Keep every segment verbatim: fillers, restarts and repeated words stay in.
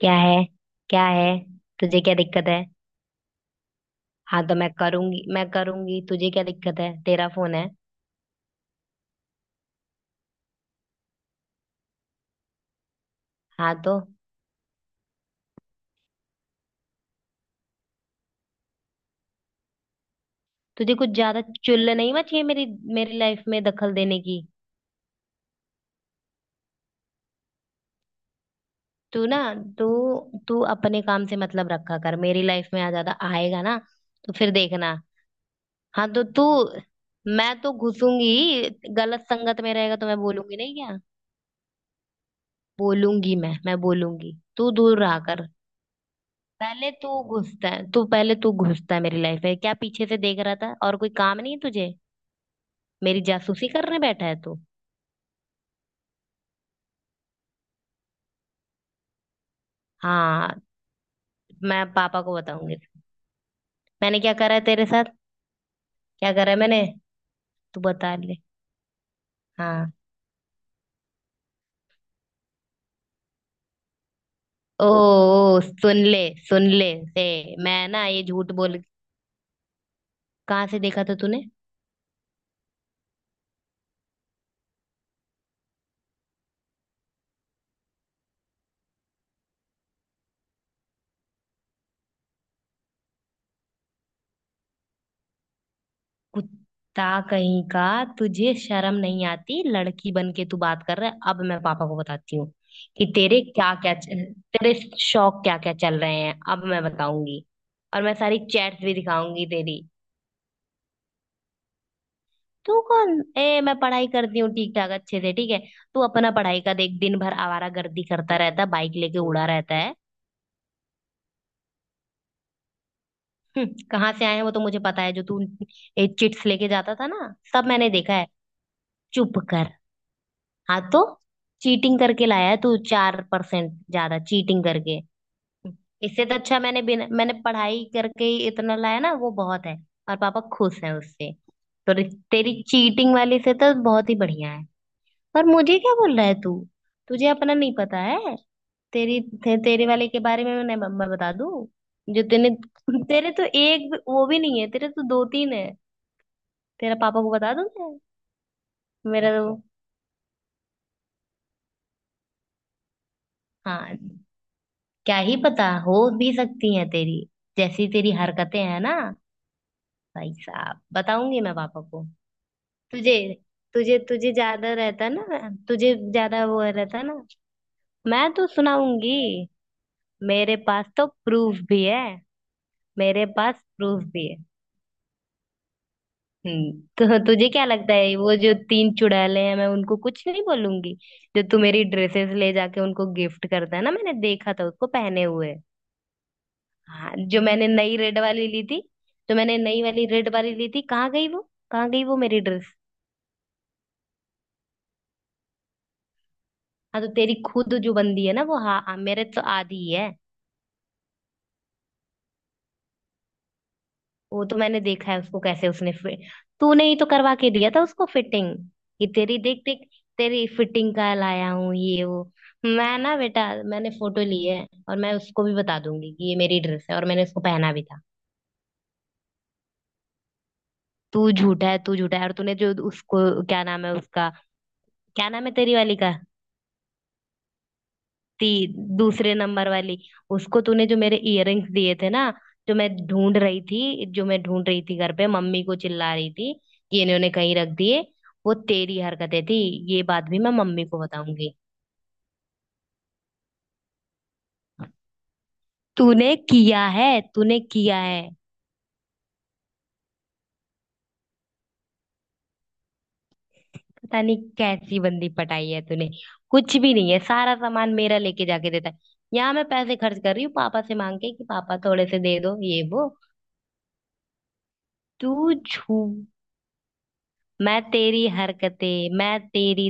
क्या है। क्या है। तुझे क्या दिक्कत है? हाँ तो मैं करूंगी, मैं करूंगी, तुझे क्या दिक्कत है? तेरा फोन है? हाँ तो तुझे कुछ ज्यादा चुल नहीं मची है मेरी मेरी लाइफ में दखल देने की? तू ना, तू तू अपने काम से मतलब रखा कर, मेरी लाइफ में आ ज्यादा आएगा ना? तो फिर देखना। हाँ तो तू, मैं तो घुसूंगी। गलत संगत में रहेगा तो मैं बोलूंगी नहीं क्या? बोलूंगी, मैं मैं बोलूंगी, तू दूर रहा कर। पहले तू घुसता है, तू पहले तू घुसता है मेरी लाइफ में। क्या पीछे से देख रहा था? और कोई काम नहीं है तुझे? मेरी जासूसी करने बैठा है तू। हाँ, मैं पापा को बताऊंगी। मैंने क्या करा है तेरे साथ? क्या करा है मैंने? तू बता ले। हाँ। ओ, ओ सुन ले। सुन ले से मैं ना ये झूठ बोल। कहाँ से देखा था तूने? कुत्ता कहीं का। तुझे शर्म नहीं आती? लड़की बन के तू बात कर रहा है। अब मैं पापा को बताती हूँ कि तेरे क्या क्या, तेरे शौक क्या क्या चल रहे हैं, अब मैं बताऊंगी। और मैं सारी चैट्स भी दिखाऊंगी तेरी। तू कौन ए? मैं पढ़ाई करती हूँ ठीक ठाक, अच्छे से, ठीक है। तू अपना पढ़ाई का देख। दिन भर आवारागर्दी करता रहता है, बाइक लेके उड़ा रहता है। हम्म, कहाँ से आए हैं वो तो मुझे पता है। जो तू चिट्स लेके जाता था ना, सब मैंने देखा है। चुप कर। हाँ तो चीटिंग करके लाया है तू चार परसेंट ज्यादा, चीटिंग करके। इससे तो अच्छा मैंने बिना मैंने पढ़ाई करके ही इतना लाया ना, वो बहुत है। और पापा खुश हैं उससे। तो रि- तेरी चीटिंग वाली से तो बहुत ही बढ़िया है। पर मुझे क्या बोल रहा है तू? तुझे अपना नहीं पता है? तेरी ते, तेरे वाले के बारे में मैं, मैं बता दूं? जो तूने, तेरे तो एक भी- वो भी नहीं है, तेरे तो दो तीन है। तेरा पापा को बता दूं मैं? मेरा तो हाँ क्या ही पता। हो भी सकती है तेरी, जैसी तेरी हरकतें हैं ना। भाई साहब, बताऊंगी मैं पापा को। तुझे तुझे तुझे ज्यादा रहता ना, तुझे ज्यादा वो रहता ना। मैं तो सुनाऊंगी। मेरे पास तो प्रूफ भी है। मेरे पास प्रूफ भी है। हम्म। तो तुझे क्या लगता है वो जो तीन चुड़ैले हैं मैं उनको कुछ नहीं बोलूंगी? जो तू मेरी ड्रेसेस ले जाके उनको गिफ्ट करता है ना, मैंने देखा था उसको पहने हुए। हाँ, जो मैंने नई रेड वाली ली थी, तो मैंने नई वाली रेड वाली ली थी, कहाँ गई वो? कहाँ गई वो मेरी ड्रेस? हाँ तो तेरी खुद जो बंदी है ना वो, हाँ हाँ, मेरे तो आधी ही है। वो तो मैंने देखा है उसको कैसे उसने फिट। तूने ही तो करवा के दिया था उसको फिटिंग कि तेरी, देख देख, तेरी फिटिंग का लाया हूँ ये वो। मैं ना बेटा मैंने फोटो ली है, और मैं उसको भी बता दूंगी कि ये मेरी ड्रेस है और मैंने उसको पहना भी था। तू झूठा है। तू झूठा है। और तूने जो उसको, क्या नाम है उसका? क्या नाम है तेरी वाली का? ती दूसरे नंबर वाली। उसको तूने जो मेरे इयररिंग्स दिए थे ना, जो मैं ढूंढ रही थी, जो मैं ढूंढ रही थी घर पे, मम्मी को चिल्ला रही थी कि इन्होंने कहीं रख दिए, वो तेरी हरकतें थी। ये बात भी मैं मम्मी को बताऊंगी। तूने किया है। तूने किया है। पता नहीं कैसी बंदी पटाई है तूने। कुछ भी नहीं है, सारा सामान मेरा लेके जाके देता है। यहाँ मैं पैसे खर्च कर रही हूँ पापा से मांग के कि पापा थोड़े से दे दो ये वो। तू झू मैं तेरी हरकतें मैं तेरी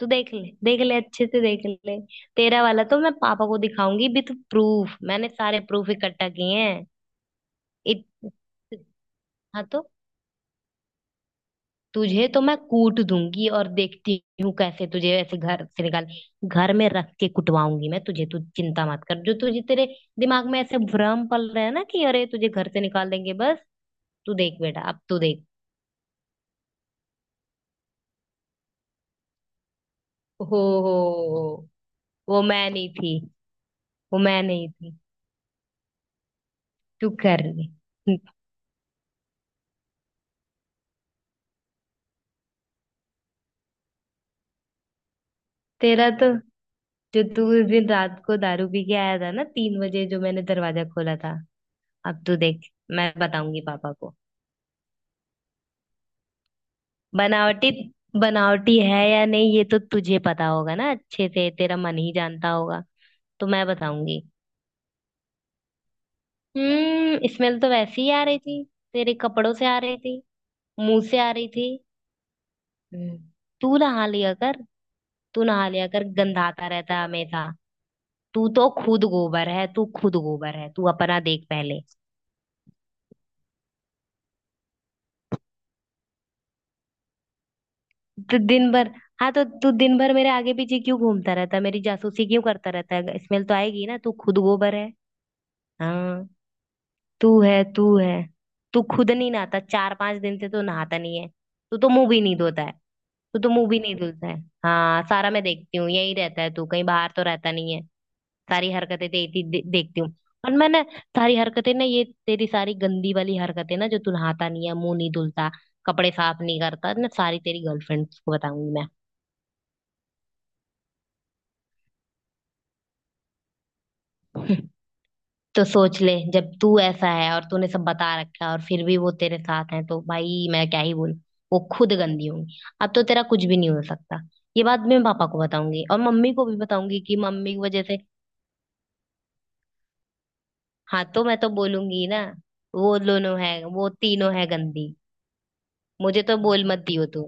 तू देख ले, देख ले अच्छे से देख ले। तेरा वाला तो मैं पापा को दिखाऊंगी विथ प्रूफ। मैंने सारे प्रूफ इकट्ठा किए हैं। इत, हाँ तो तुझे तो मैं कूट दूंगी, और देखती हूँ कैसे तुझे ऐसे घर से निकाल। घर में रख के कुटवाऊंगी मैं तुझे, तू चिंता मत कर। जो तुझे, तेरे दिमाग में ऐसे भ्रम पल रहे हैं ना कि अरे तुझे घर से निकाल देंगे, बस तू देख बेटा, अब तू देख। हो हो, वो मैं नहीं थी। वो मैं नहीं थी। तू कर ले। तेरा तो, जो तू उस दिन रात को दारू पी के आया था ना तीन बजे, जो मैंने दरवाजा खोला था, अब तू देख। मैं बताऊंगी पापा को। बनावटी, बनावटी है या नहीं ये तो तुझे पता होगा ना अच्छे से, तेरा मन ही जानता होगा। तो मैं बताऊंगी। हम्म, स्मेल तो वैसे ही आ रही थी। तेरे कपड़ों से आ रही थी, मुंह से आ रही थी। हम्म, तू नहा लिया कर। तू नहा लिया कर, गंधाता रहता है हमेशा। तू तो खुद गोबर है। तू खुद गोबर है, तू अपना देख पहले। तो दिन भर, हाँ तो तू दिन भर मेरे आगे पीछे क्यों घूमता रहता है? मेरी जासूसी क्यों करता रहता है? स्मेल तो आएगी ना, तू खुद गोबर है। हाँ। तू है तू है। तू खुद नहीं नहाता, चार पांच दिन से तू नहाता नहीं है। तू तो मुंह भी नहीं धोता है। तू तो मुंह भी नहीं धुलता है। हाँ, सारा मैं देखती हूँ, यही रहता है तू, कहीं बाहर तो रहता नहीं है। सारी हरकतें तेरी दे, देखती हूँ। और मैं ना सारी हरकतें ना, ये तेरी सारी गंदी वाली हरकतें ना, जो तू नहाता नहीं है, मुंह नहीं धुलता, कपड़े साफ नहीं करता ना, सारी तेरी गर्लफ्रेंड्स को बताऊंगी मैं। तो सोच ले, जब तू ऐसा है और तूने सब बता रखा है और फिर भी वो तेरे साथ हैं, तो भाई मैं क्या ही बोलूं। वो खुद गंदी होंगी, अब तो तेरा कुछ भी नहीं हो सकता। ये बात मैं पापा को बताऊंगी, और मम्मी को भी बताऊंगी कि मम्मी की वजह से। हाँ तो मैं तो बोलूंगी ना, वो दोनों है वो तीनों है गंदी। मुझे तो बोल मत दियो तू।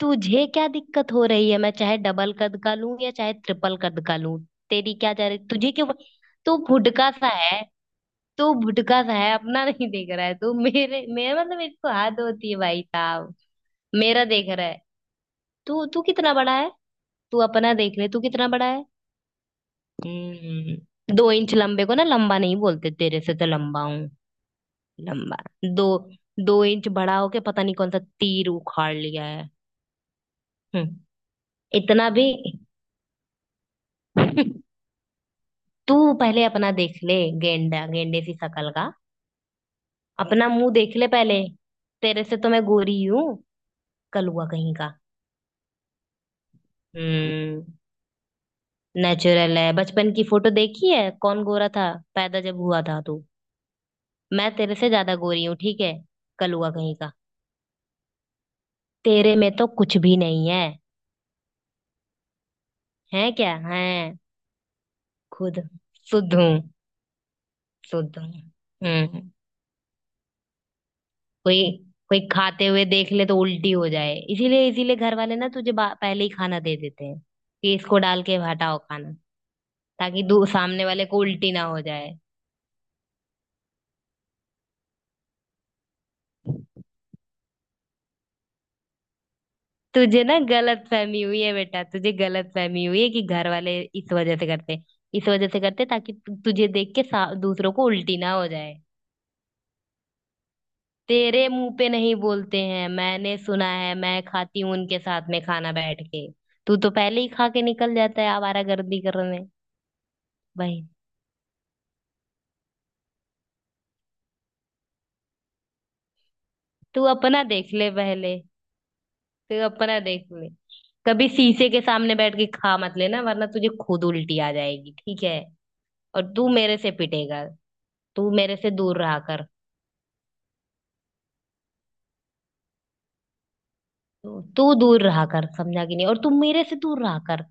तुझे क्या दिक्कत हो रही है? मैं चाहे डबल कद का लूं या चाहे ट्रिपल कद का लूं, तेरी क्या जा रही? तुझे क्यों? तू भुड़का सा है। तू भुटका सा है, अपना नहीं देख रहा है तू। मेरे, मेरा मतलब एक तो हाथ होती है भाई साहब। मेरा देख रहा है? तू, तू कितना बड़ा है? तू अपना देख ले तू कितना बड़ा है। हम्म दो इंच लंबे को ना लंबा नहीं बोलते, तेरे से तो लंबा हूँ। लंबा। दो, दो इंच बड़ा होके पता नहीं कौन सा तीर उखाड़ लिया है। हम्म, इतना भी। तू पहले अपना देख ले, गेंडा, गेंडे सी शकल का। अपना मुंह देख ले पहले। तेरे से तो मैं गोरी हूँ, कलुआ कहीं का। हम्म नेचुरल है? बचपन की फोटो देखी है कौन गोरा था पैदा जब हुआ था तू। मैं तेरे से ज्यादा गोरी हूँ, ठीक है, कलुआ कहीं का। तेरे में तो कुछ भी नहीं है, है क्या है? खुद शुद्ध हूँ, शुद्ध हूँ। हम्म हम्म। कोई, कोई खाते हुए देख ले तो उल्टी हो जाए, इसीलिए, इसीलिए घर वाले ना तुझे बा- पहले ही खाना दे देते हैं कि इसको डाल के हटाओ खाना, ताकि दू सामने वाले को उल्टी ना हो जाए। तुझे ना गलत फहमी हुई है बेटा, तुझे गलत फहमी हुई है कि घर वाले इस वजह से करते, इस वजह से करते ताकि तु- तुझे देख के सा- दूसरों को उल्टी ना हो जाए। तेरे मुंह पे नहीं बोलते हैं, मैंने सुना है, मैं खाती हूँ उनके साथ में खाना बैठ के। तू तो पहले ही खा के निकल जाता है आवारागर्दी करने। भाई, तू अपना देख ले पहले, तू अपना देख ले। कभी शीशे के सामने बैठ के खा मत लेना वरना तुझे खुद उल्टी आ जाएगी, ठीक है। और तू मेरे से पिटेगा। तू मेरे से दूर रहा कर। तो तू दूर रहा कर समझा कि नहीं, और तू मेरे से दूर रहा कर।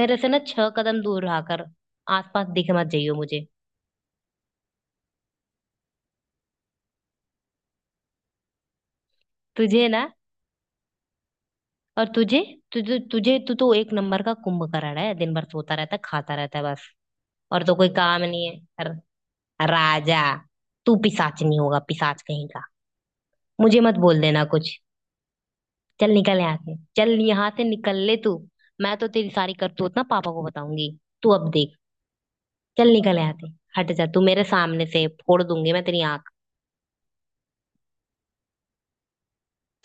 मेरे से ना छह कदम दूर रहा कर, आसपास दिख मत जाइयो मुझे। तुझे ना, और तुझे तुझे तुझे, तू तो एक नंबर का कुंभकर्ण है, दिन भर सोता रहता है खाता रहता है, बस और तो कोई काम नहीं है। र- राजा! तू पिशाच नहीं होगा? पिशाच कहीं का। मुझे मत बोल देना कुछ। चल निकल यहाँ से, चल यहाँ से निकल ले तू। मैं तो तेरी सारी करतूत ना पापा को बताऊंगी। तू अब देख। चल निकल यहाँ से। हट जा तू मेरे सामने से, फोड़ दूंगी मैं तेरी आंख।